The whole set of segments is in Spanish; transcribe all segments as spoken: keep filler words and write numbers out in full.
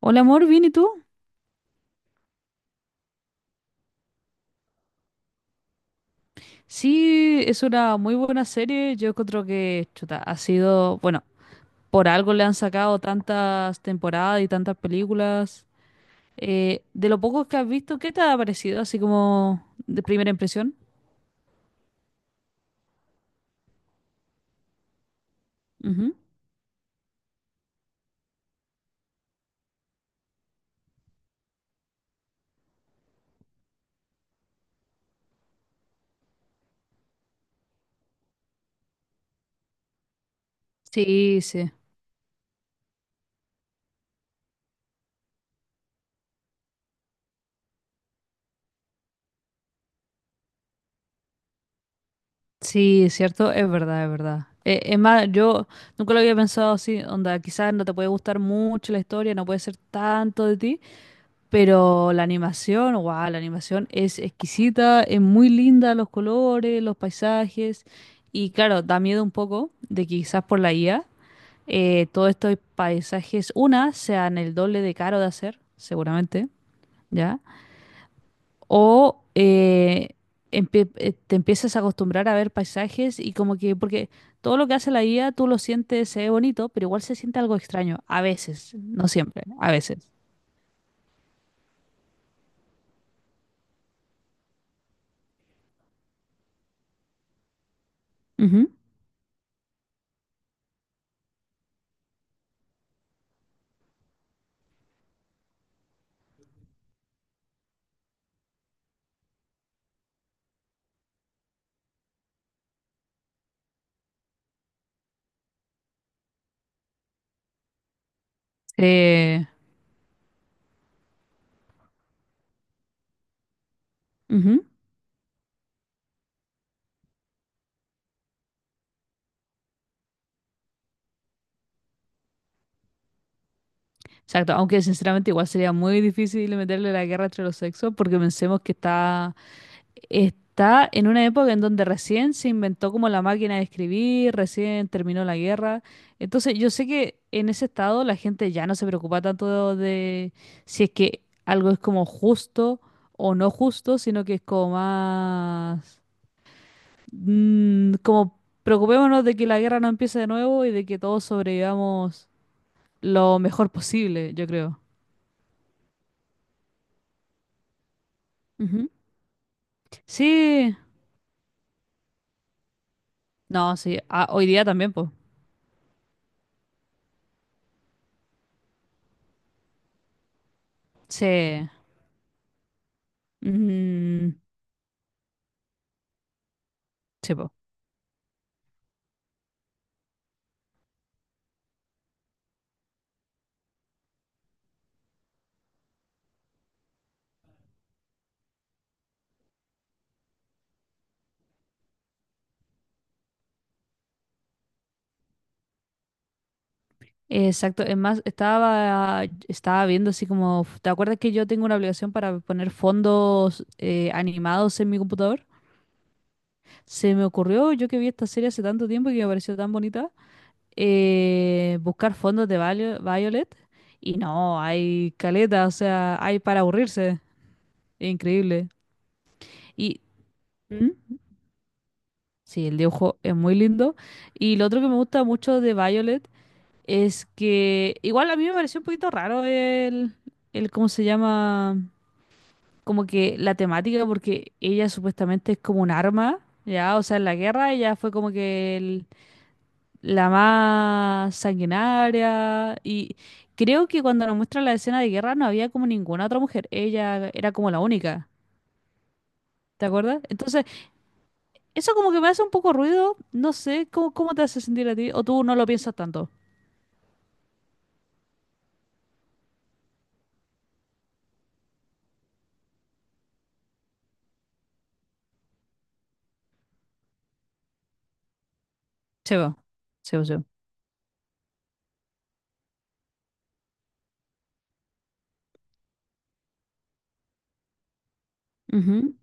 Hola amor, ¿bien y tú? Sí, es una muy buena serie. Yo encuentro que, chuta, ha sido, bueno, por algo le han sacado tantas temporadas y tantas películas. Eh, de lo poco que has visto, ¿qué te ha parecido? Así como de primera impresión. Ujú. Sí, sí. Sí, es cierto, es verdad, es verdad. Eh, es más, yo nunca lo había pensado así, onda, quizás no te puede gustar mucho la historia, no puede ser tanto de ti. Pero la animación, wow, la animación es exquisita, es muy linda, los colores, los paisajes. Y claro, da miedo un poco de que quizás por la I A eh, todos estos paisajes, una, sean el doble de caro de hacer, seguramente, ¿ya? O eh, empie- eh, Te empiezas a acostumbrar a ver paisajes y como que, porque todo lo que hace la I A tú lo sientes, se ve bonito, pero igual se siente algo extraño, a veces, no siempre, a veces. Ujú. Eh, Ujú. Exacto, aunque sinceramente igual sería muy difícil meterle la guerra entre los sexos porque pensemos que está, está en una época en donde recién se inventó como la máquina de escribir, recién terminó la guerra. Entonces yo sé que en ese estado la gente ya no se preocupa tanto de si es que algo es como justo o no justo, sino que es como más... mm, como preocupémonos de que la guerra no empiece de nuevo y de que todos sobrevivamos lo mejor posible, yo creo. Sí, no, sí, ah, hoy día también, pues. Sí, mm, sí, po. Exacto, es más, estaba, estaba viendo así como, ¿te acuerdas que yo tengo una obligación para poner fondos eh, animados en mi computador? Se me ocurrió, yo que vi esta serie hace tanto tiempo y que me pareció tan bonita, eh, buscar fondos de Valio- Violet y no, hay caleta, o sea, hay para aburrirse, increíble. Y, ¿mm? Sí, el dibujo es muy lindo. Y lo otro que me gusta mucho de Violet es que igual a mí me pareció un poquito raro el, el cómo se llama, como que la temática, porque ella supuestamente es como un arma, ¿ya? O sea, en la guerra ella fue como que el- la más sanguinaria. Y creo que cuando nos muestra la escena de guerra no había como ninguna otra mujer, ella era como la única, ¿te acuerdas? Entonces... Eso como que me hace un poco ruido. No sé, ¿cómo, ¿cómo te hace sentir a ti? ¿O tú no lo piensas tanto? Se va, se va, se va. Ujú.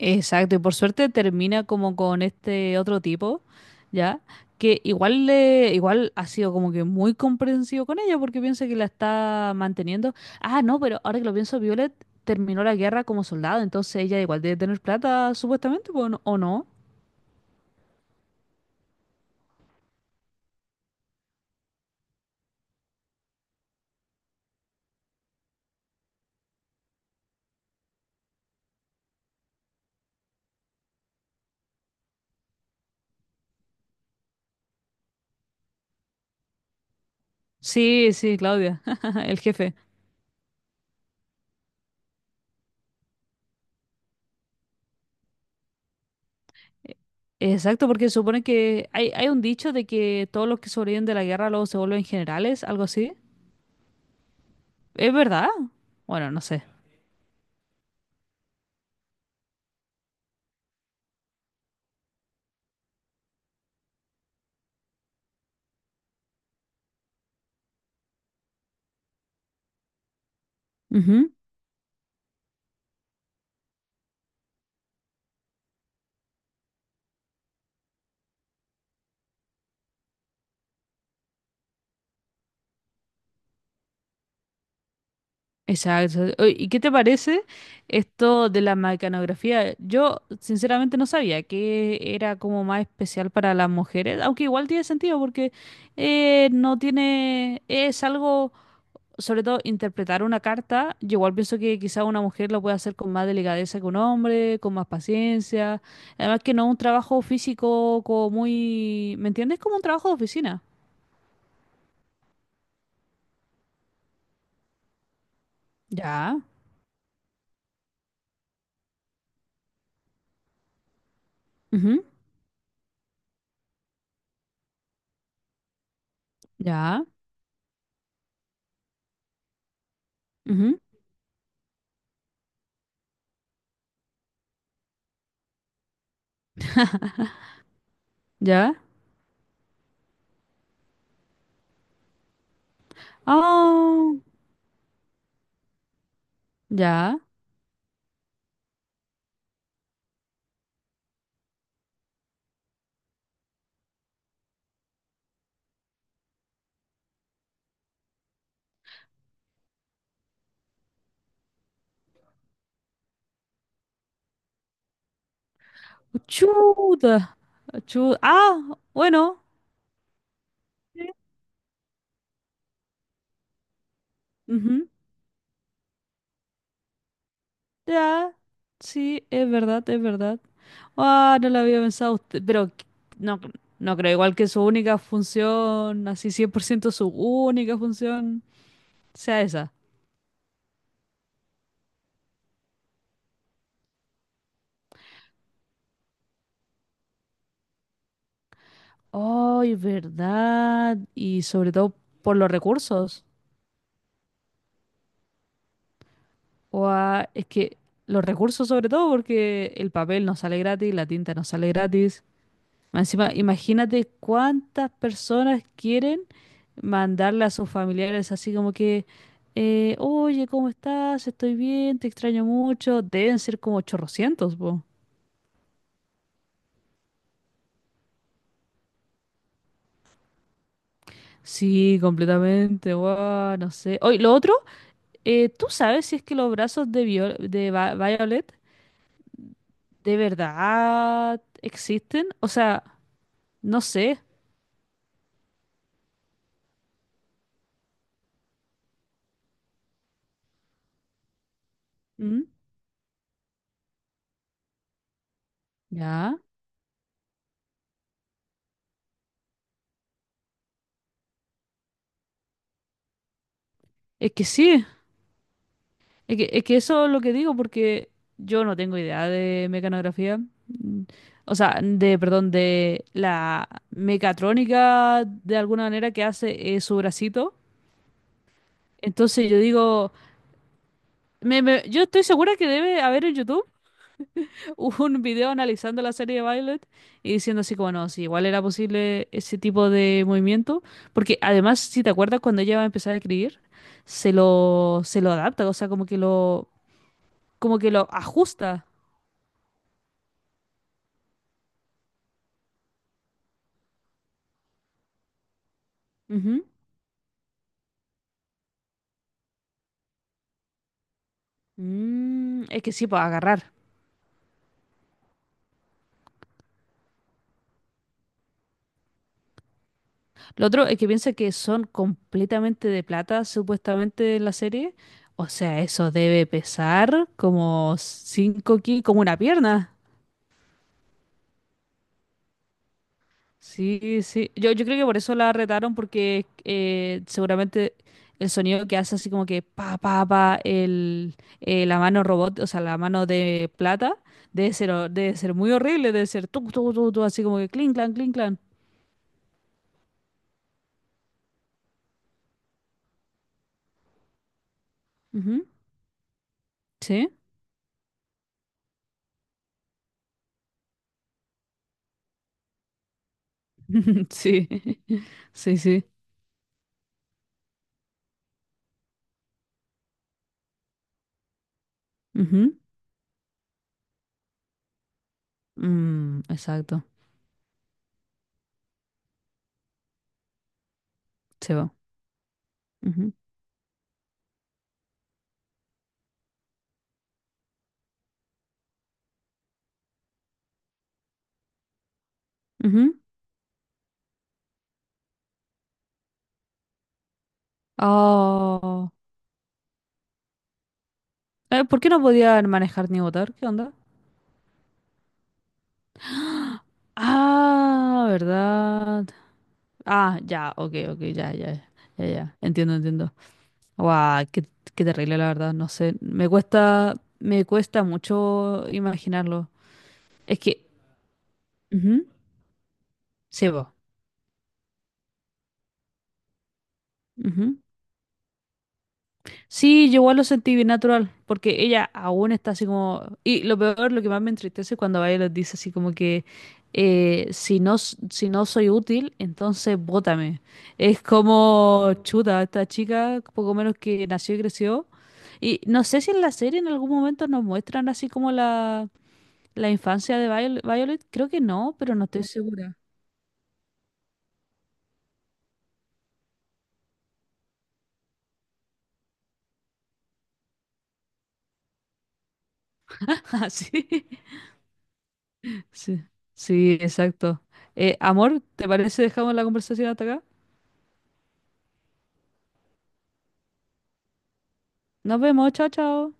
Exacto, y por suerte termina como con este otro tipo, ¿ya? Que igual le, igual ha sido como que muy comprensivo con ella porque piensa que la está manteniendo. Ah, no, pero ahora que lo pienso, Violet terminó la guerra como soldado, entonces ella igual debe tener plata, supuestamente, pues, ¿o no? ¿O no? Sí, sí, Claudia, el jefe. Exacto, porque supone que hay, hay un dicho de que todos los que sobreviven de la guerra luego se vuelven generales, algo así. ¿Es verdad? Bueno, no sé. Ujú, exacto. Oye, ¿y qué te parece esto de la mecanografía? Yo sinceramente no sabía que era como más especial para las mujeres, aunque igual tiene sentido porque eh, no tiene, es algo sobre todo interpretar una carta, yo igual pienso que quizá una mujer lo puede hacer con más delicadeza que un hombre, con más paciencia. Además que no es un trabajo físico como muy, ¿me entiendes? Como un trabajo de oficina. Ya. Ujú, ya. Ujú, ya. Ah, ya. Chuta. chu- Ah, bueno. Sí, ujú, ya. Sí, es verdad, es verdad. Ah, no lo había pensado usted, pero qu- no, no creo igual que su única función, así cien por ciento su única función, sea esa. Ay, verdad. Y sobre todo por los recursos. O es que los recursos sobre todo porque el papel no sale gratis, la tinta no sale gratis. Más encima, imagínate cuántas personas quieren mandarle a sus familiares así como que, eh, oye, ¿cómo estás? Estoy bien, te extraño mucho. Deben ser como ochocientos po. Sí, completamente, guau, no sé. Oye, lo otro, eh, ¿tú sabes si es que los brazos de, Viol- de Va- Violet de verdad existen? O sea, no sé. ¿Mm? ¿Ya? Es que sí. Es que, es que eso es lo que digo, porque yo no tengo idea de mecanografía. Mm, o sea, de, perdón, de la mecatrónica de alguna manera que hace eh, su bracito. Entonces yo digo, me- me- yo estoy segura que debe haber en YouTube un video analizando la serie de Violet y diciendo así como, no, si igual era posible ese tipo de movimiento. Porque además, si te acuerdas, cuando ella va a empezar a escribir, se lo, se lo adapta, o sea, como que lo, como que lo ajusta. Ujú. Mm, es que sí, pues agarrar. Lo otro es que piensa que son completamente de plata, supuestamente, en la serie. O sea, eso debe pesar como cinco kilos, como una pierna. Sí, sí. Yo, yo creo que por eso la retaron, porque eh, seguramente el sonido que hace así como que pa, pa, pa, el, eh, la mano robot, o sea, la mano de plata, debe ser, ho- debe ser muy horrible, debe ser tu, tu, tu, tu, así como que clink, clan, clink, clan. Ujú. Sí. Sí, sí, sí. Ujú. Mm, exacto, se va. Ujú, ujú. Oh. Eh, ¿por qué no podía manejar ni votar? ¿Qué onda? Ah, ¿verdad? Ah, ya, ok, ok, ya, ya, ya, ya, ya. Entiendo, entiendo. Guau, qué, qué terrible, la verdad, no sé. Me cuesta, me cuesta mucho imaginarlo. Es que, ujú, sí, vos. Sí, yo igual lo sentí bien natural, porque ella aún está así como... Y lo peor, lo que más me entristece es cuando Violet dice así como que eh, si no, s- si no soy útil, entonces bótame. Es como chuta, esta chica, poco menos que nació y creció. Y no sé si en la serie en algún momento nos muestran así como la, la infancia de Viol- Violet. Creo que no, pero no estoy segura. Ah, sí. Sí, sí, exacto. Eh, amor, ¿te parece dejamos la conversación hasta acá? Nos vemos, chao, chao.